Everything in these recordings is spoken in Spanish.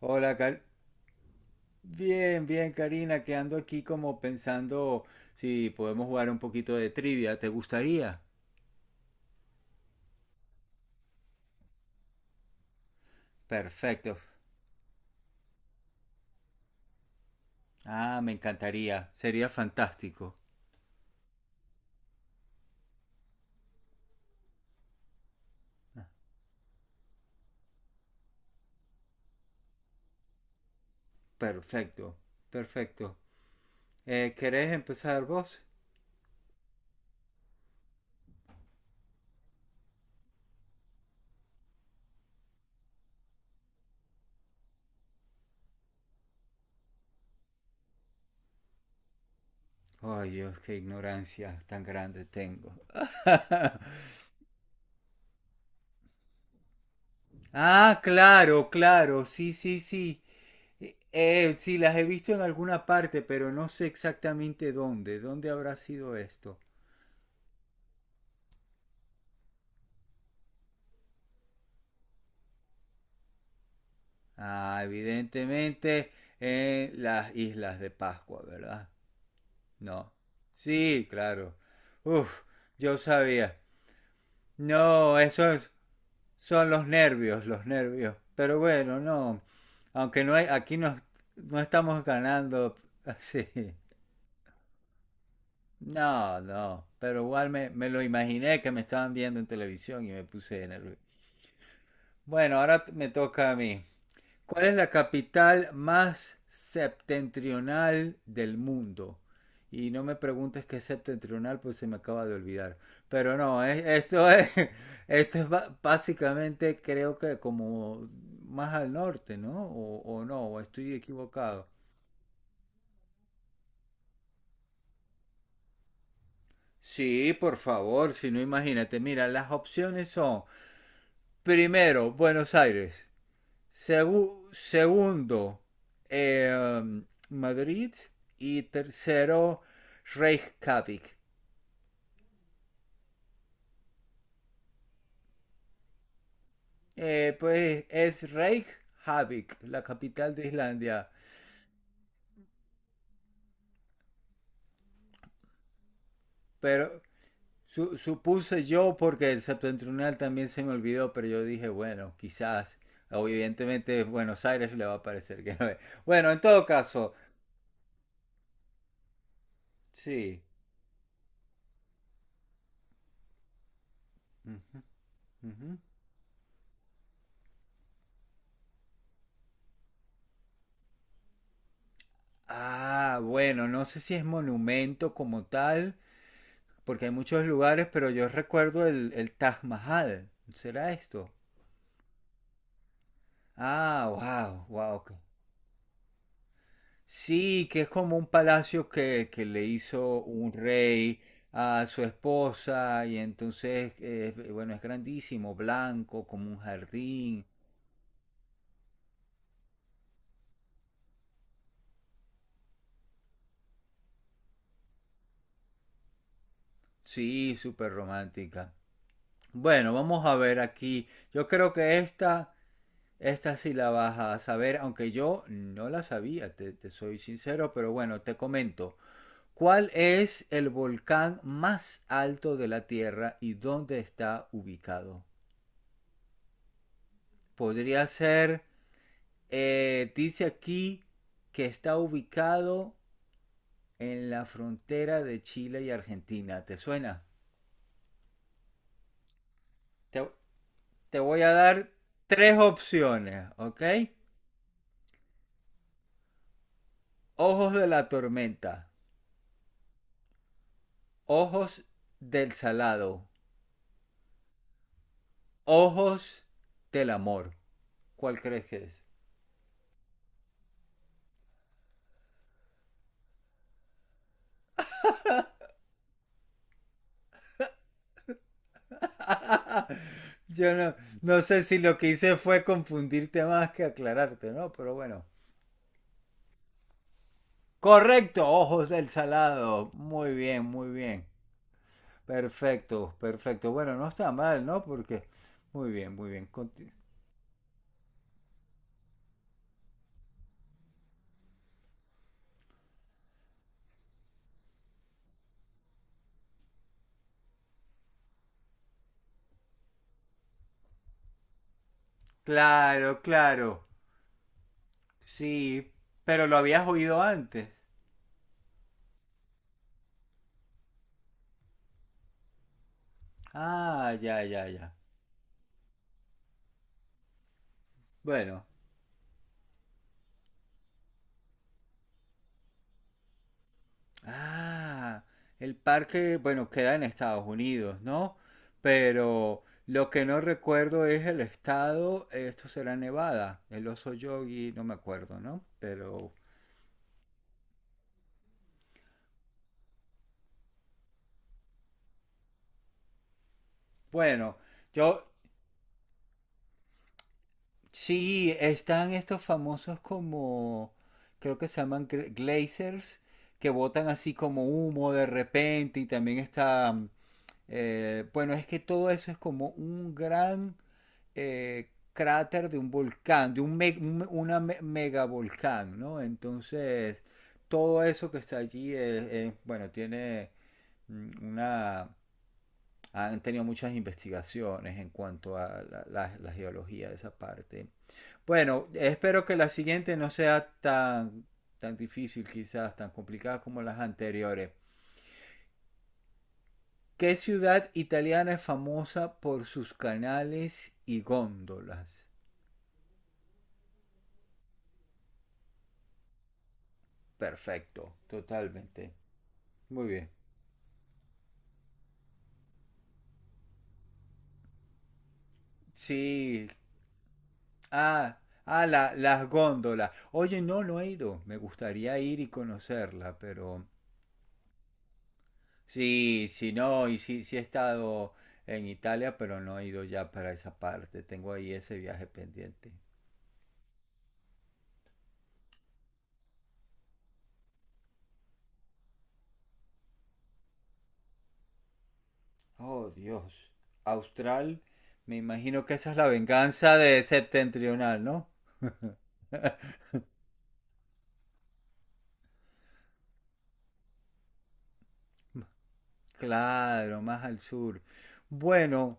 Hola, bien, bien, Karina, que ando aquí como pensando si podemos jugar un poquito de trivia. ¿Te gustaría? Perfecto. Ah, me encantaría. Sería fantástico. Perfecto, perfecto. ¿Querés empezar vos? Ay, Dios, qué ignorancia tan grande tengo. Ah, claro, claro, sí, sí, sí. Sí, las he visto en alguna parte, pero no sé exactamente dónde. ¿Dónde habrá sido esto? Ah, evidentemente en las Islas de Pascua, ¿verdad? No. Sí, claro. Uf, yo sabía. No, esos son los nervios, los nervios. Pero bueno, no. Aunque no hay, aquí no, no estamos ganando así. No, no. Pero igual me lo imaginé que me estaban viendo en televisión y me puse de nervio. Bueno, ahora me toca a mí. ¿Cuál es la capital más septentrional del mundo? Y no me preguntes qué es septentrional, pues se me acaba de olvidar. Pero no, esto es, esto es básicamente creo que como más al norte, ¿no? O no, o estoy equivocado. Sí, por favor, si no imagínate. Mira, las opciones son, primero, Buenos Aires. Segundo, eh, Madrid. Y tercero, Reykjavik. Pues es Reykjavik, la capital de Islandia. Pero supuse yo, porque el septentrional también se me olvidó, pero yo dije, bueno, quizás, evidentemente Buenos Aires le va a parecer que no es. Bueno, en todo caso, sí. Ujú, ujú. Ah, bueno, no sé si es monumento como tal, porque hay muchos lugares, pero yo recuerdo el Taj Mahal. ¿Será esto? Ah, wow, wow. Ok. Sí, que es como un palacio que le hizo un rey a su esposa y entonces, bueno, es grandísimo, blanco, como un jardín. Sí, súper romántica. Bueno, vamos a ver aquí. Yo creo que esta sí la vas a saber, aunque yo no la sabía, te soy sincero, pero bueno, te comento. ¿Cuál es el volcán más alto de la Tierra y dónde está ubicado? Podría ser, dice aquí que está ubicado en la frontera de Chile y Argentina. ¿Te suena? Te, te voy a dar tres opciones, ¿ok? Ojos de la tormenta, ojos del salado, ojos del amor. ¿Cuál crees que es? Yo no, no sé si lo que hice fue confundirte más que aclararte, ¿no? Pero bueno. Correcto, ojos del salado. Muy bien, muy bien. Perfecto, perfecto. Bueno, no está mal, ¿no? Porque... Muy bien, muy bien. Claro, claro. Sí, pero lo habías oído antes. Ah, ya, ya, ya. Bueno, ah, el parque, bueno, queda en Estados Unidos, ¿no? Pero lo que no recuerdo es el estado, esto será Nevada, el oso Yogi, no me acuerdo, ¿no? Pero bueno, yo sí, están estos famosos como, creo que se llaman glazers, que botan así como humo de repente y también está eh, bueno, es que todo eso es como un gran cráter de un volcán, de un megavolcán, ¿no? Entonces, todo eso que está allí, es, bueno, tiene una... Han tenido muchas investigaciones en cuanto a la geología de esa parte. Bueno, espero que la siguiente no sea tan, tan difícil, quizás tan complicada como las anteriores. ¿Qué ciudad italiana es famosa por sus canales y góndolas? Perfecto, totalmente. Muy bien. Sí. Ah, ah las góndolas. Oye, no, no he ido. Me gustaría ir y conocerla, pero... Sí, sí, no, y sí, sí he estado en Italia, pero no he ido ya para esa parte. Tengo ahí ese viaje pendiente. Oh, Dios. Austral, me imagino que esa es la venganza de septentrional, ¿no? Claro, más al sur. Bueno,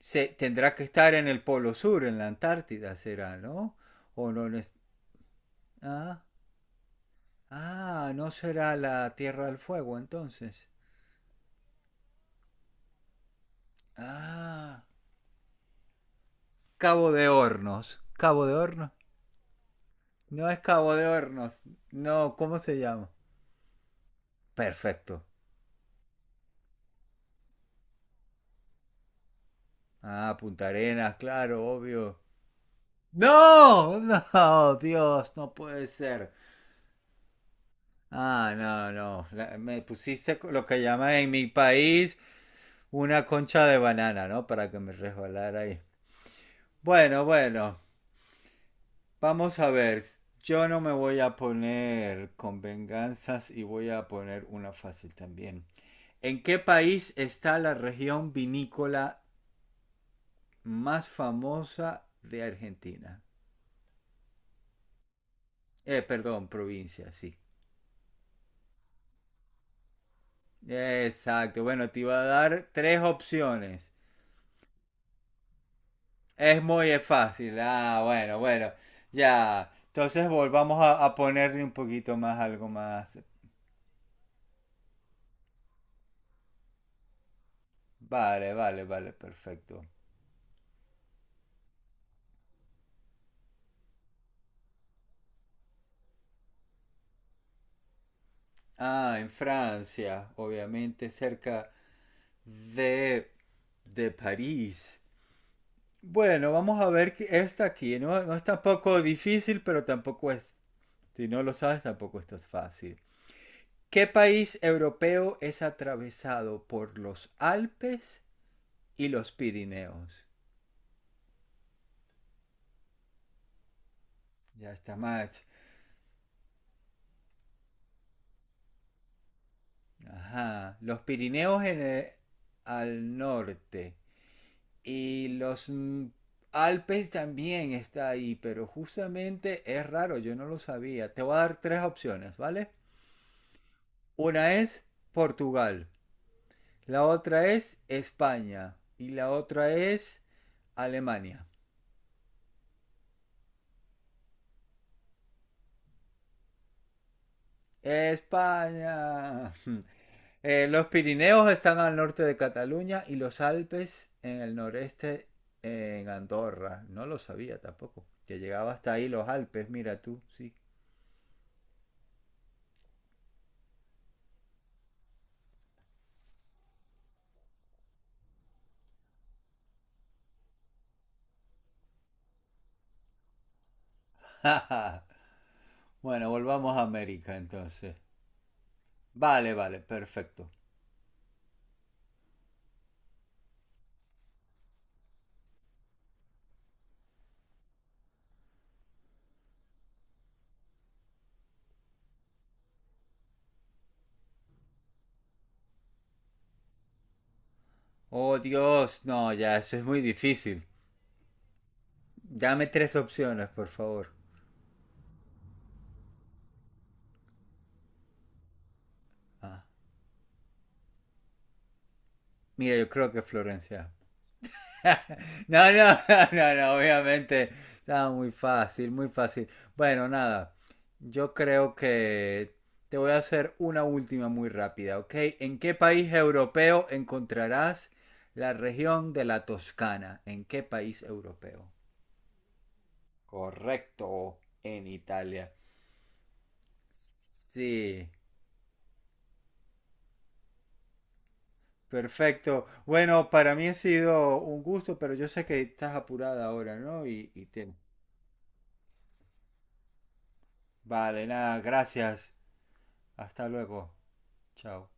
se, tendrá que estar en el Polo Sur, en la Antártida será, ¿no? O no, no es- ah, ah, no será la Tierra del Fuego entonces. Ah, Cabo de Hornos. Cabo de Hornos. No es Cabo de Hornos. No, ¿cómo se llama? Perfecto. Ah, Punta Arenas, claro, obvio. No, no, Dios, no puede ser. Ah, no, no. Me pusiste lo que llaman en mi país una concha de banana, ¿no? Para que me resbalara ahí. Bueno, bueno. Vamos a ver. Yo no me voy a poner con venganzas y voy a poner una fácil también. ¿En qué país está la región vinícola más famosa de Argentina? Perdón, provincia, sí. Exacto. Bueno, te iba a dar tres opciones. Es muy fácil. Ah, bueno, bueno. Ya. Entonces volvamos a ponerle un poquito más, algo más. Vale, vale, vale, perfecto. Ah, en Francia, obviamente cerca de, de París. Bueno, vamos a ver que esta aquí. No, no es tampoco difícil, pero tampoco es. Si no lo sabes, tampoco esto es tan fácil. ¿Qué país europeo es atravesado por los Alpes y los Pirineos? Ya está más. Ajá. Los Pirineos al norte. Y los Alpes también está ahí, pero justamente es raro, yo no lo sabía. Te voy a dar tres opciones, ¿vale? Una es Portugal, la otra es España y la otra es Alemania. España. Los Pirineos están al norte de Cataluña y los Alpes en el noreste en Andorra. No lo sabía tampoco. Que llegaba hasta ahí los Alpes, mira tú, sí. Bueno, volvamos a América entonces. Vale, vale, perfecto. Oh Dios, no, ya, eso es muy difícil. Dame tres opciones, por favor. Ah, mira, yo creo que Florencia. No, no, no, no, obviamente. Estaba muy fácil, muy fácil. Bueno, nada. Yo creo que te voy a hacer una última muy rápida, ¿ok? ¿En qué país europeo encontrarás la región de la Toscana? ¿En qué país europeo? Correcto, en Italia. Sí, perfecto. Bueno, para mí ha sido un gusto, pero yo sé que estás apurada ahora, ¿no? Y te... Vale, nada, gracias. Hasta luego. Chao.